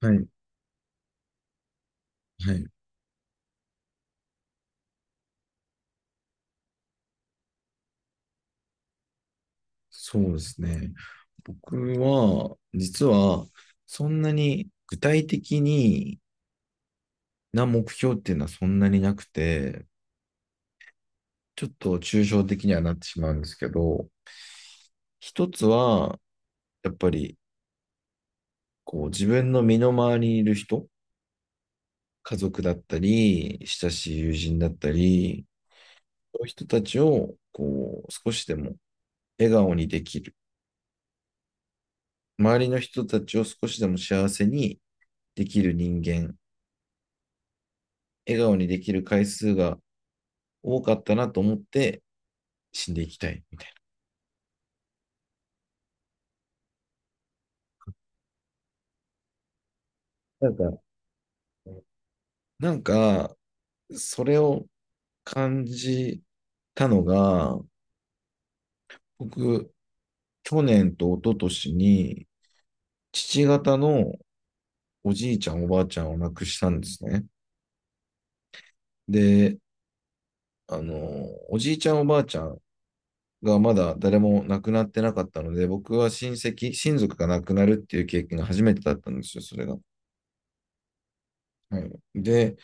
はい、はい、そうですね。僕は、実は、そんなに具体的にな目標っていうのはそんなになくて、ちょっと抽象的にはなってしまうんですけど、一つは、やっぱり、こう、自分の身の回りにいる人、家族だったり、親しい友人だったり、そういう人たちを、こう、少しでも笑顔にできる。周りの人たちを少しでも幸せにできる人間笑顔にできる回数が多かったなと思って死んでいきたい。なんか、なんか、それを感じたのが、僕、去年と一昨年に、父方のおじいちゃん、おばあちゃんを亡くしたんですね。で、あの、おじいちゃん、おばあちゃんがまだ誰も亡くなってなかったので、僕は親戚、親族が亡くなるっていう経験が初めてだったんですよ、それが。はい、で、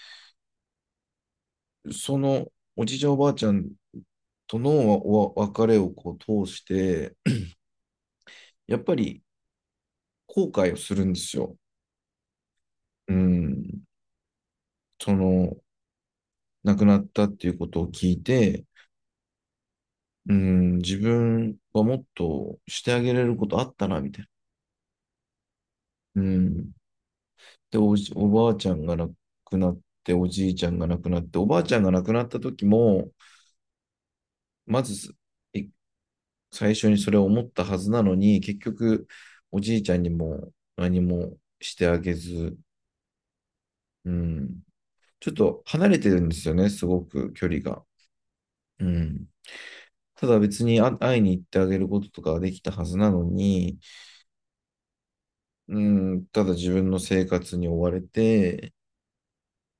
そのおじいちゃん、おばあちゃんとの別れをこう通して、やっぱり後悔をするんですよ。うん。その、亡くなったっていうことを聞いて、うん、自分はもっとしてあげれることあったな、みたいな。うん。で、おばあちゃんが亡くなって、おじいちゃんが亡くなって、おばあちゃんが亡くなった時も、まず、い最初にそれを思ったはずなのに、結局、おじいちゃんにも何もしてあげず、うん、ちょっと離れてるんですよね、すごく距離が。うん。ただ別に会いに行ってあげることとかはできたはずなのに、うん、ただ自分の生活に追われて、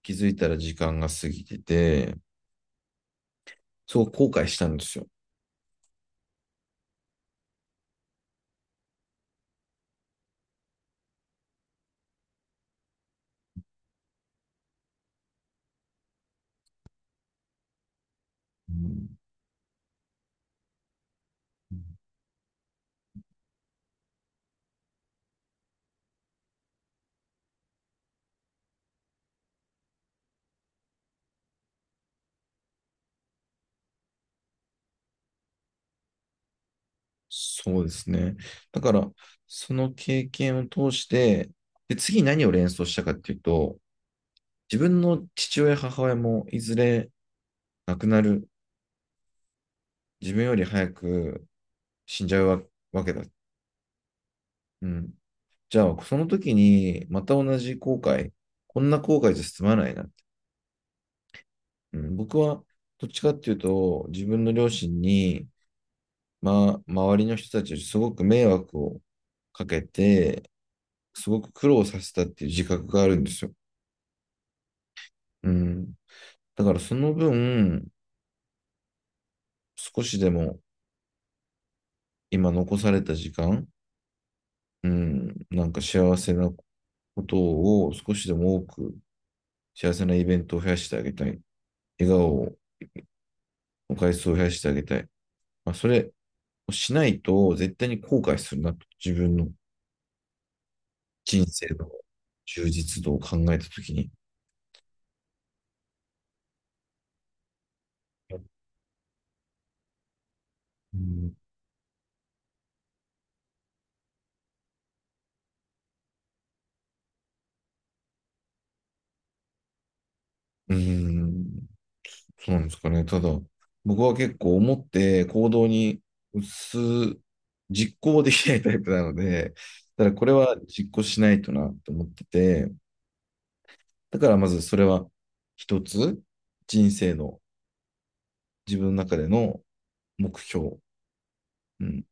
気づいたら時間が過ぎてて、すごく後悔したんですよ。うん、そうですね。だから、その経験を通して、で、次何を連想したかっていうと、自分の父親、母親もいずれ亡くなる、自分より早く死んじゃうわけだ。うん、じゃあ、その時に、また同じ後悔、こんな後悔じゃ済まないなって。うん、僕は、どっちかっていうと、自分の両親に、まあ、周りの人たちにすごく迷惑をかけて、すごく苦労させたっていう自覚があるんですよ。うん。だからその分、少しでも今残された時間、うん、なんか幸せなことを少しでも多く幸せなイベントを増やしてあげたい。笑顔を、回数を増やしてあげたい。まあ、それ、しないと絶対に後悔するなと、自分の人生の充実度を考えたときに。うん、うーん、そうなんですかね。ただ、僕は結構思って行動に移す、実行できないタイプなので、ただこれは実行しないとなと思ってて、だからまずそれは一つ、人生の自分の中での目標。うん。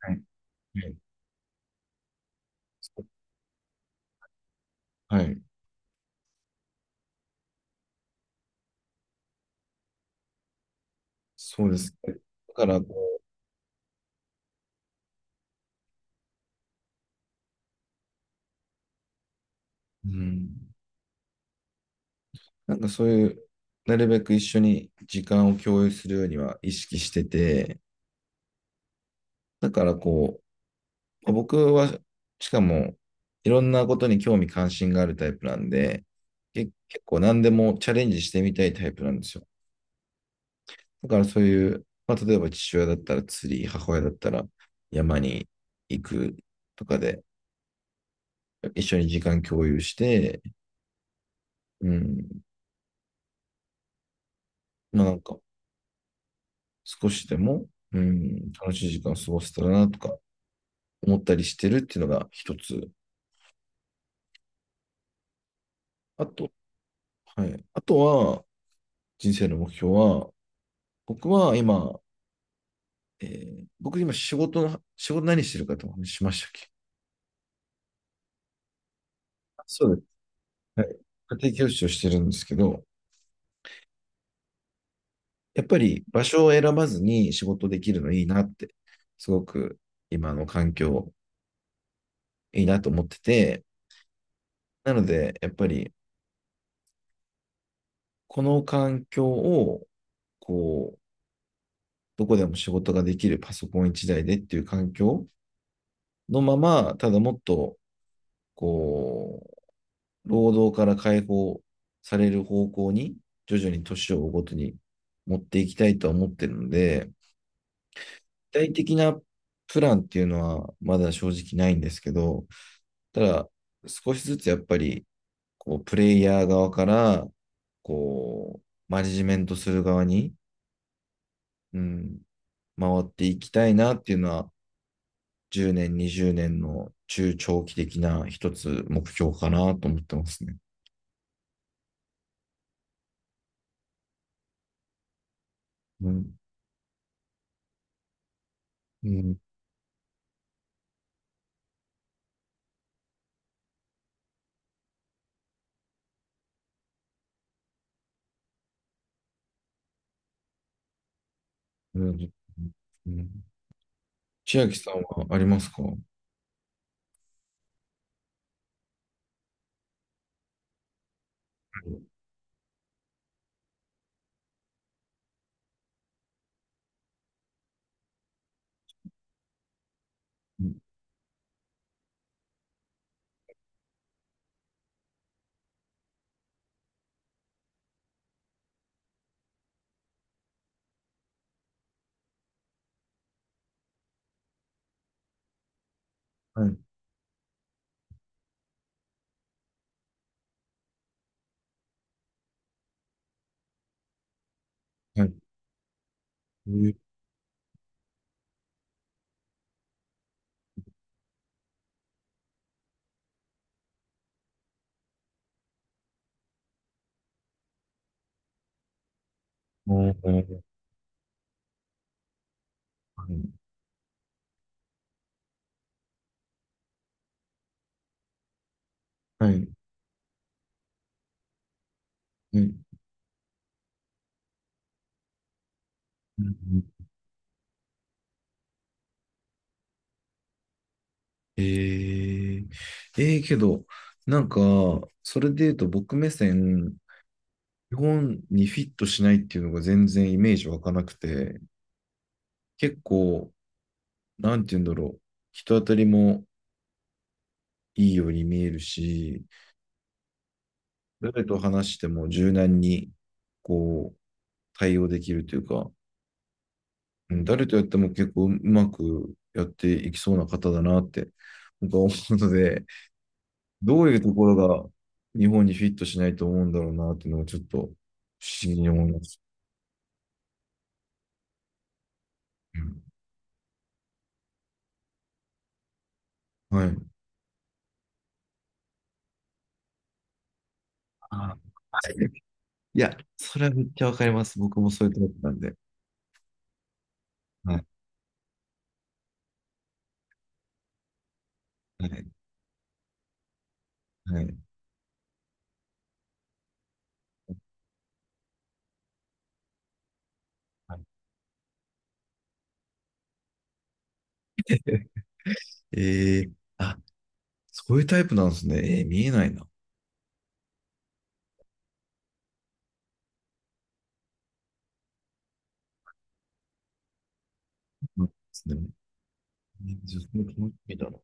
はい。はい。はい、そうですね。だからこう、うん。なんかそういう、なるべく一緒に時間を共有するようには意識してて、だからこう、まあ僕は、しかも、いろんなことに興味関心があるタイプなんで、結構何でもチャレンジしてみたいタイプなんですよ。だからそういう、まあ、例えば父親だったら釣り、母親だったら山に行くとかで、一緒に時間共有して、うん、まあなんか少しでも、うん、楽しい時間を過ごせたらなとか思ったりしてるっていうのが一つ。あと、はい。あとは、人生の目標は、僕は今、えー僕今仕事の、仕事何してるかとお話ししましたっけ？あ、そうです。はい。家庭教師をしてるんですけど、やっぱり場所を選ばずに仕事できるのいいなって、すごく今の環境いいなと思ってて、なので、やっぱりこの環境を、こう、どこでも仕事ができるパソコン一台でっていう環境のまま、ただもっとこう、労働から解放される方向に、徐々に年を追うごとに持っていきたいとは思ってるので、具体的なプランっていうのはまだ正直ないんですけど、ただ、少しずつやっぱり、こう、プレイヤー側から、こう、マネジメントする側に、うん、回っていきたいなっていうのは、10年、20年の中長期的な一つ目標かなと思ってますね。うん。うんうん。うん、千秋さんはありますか？はい。はい。はい。えーおー、はい。はい。はい、うん、えー、けど、なんか、それで言うと僕目線、日本にフィットしないっていうのが全然イメージ湧かなくて、結構、なんて言うんだろう、人当たりもいいように見えるし、誰と話しても柔軟に、こう、対応できるというか、うん、誰とやっても結構うまくやっていきそうな方だなって僕は思うので、どういうところが日本にフィットしないと思うんだろうなっていうのをちょっと不思議に思います。うん、はい。あー、いや、それはめっちゃわかります。僕もそういうタイプなんで。はい。はい。はい。はい、えー、あ、そういうタイプなんですね。見えないな。そうですね。じゃあその楽しみだな。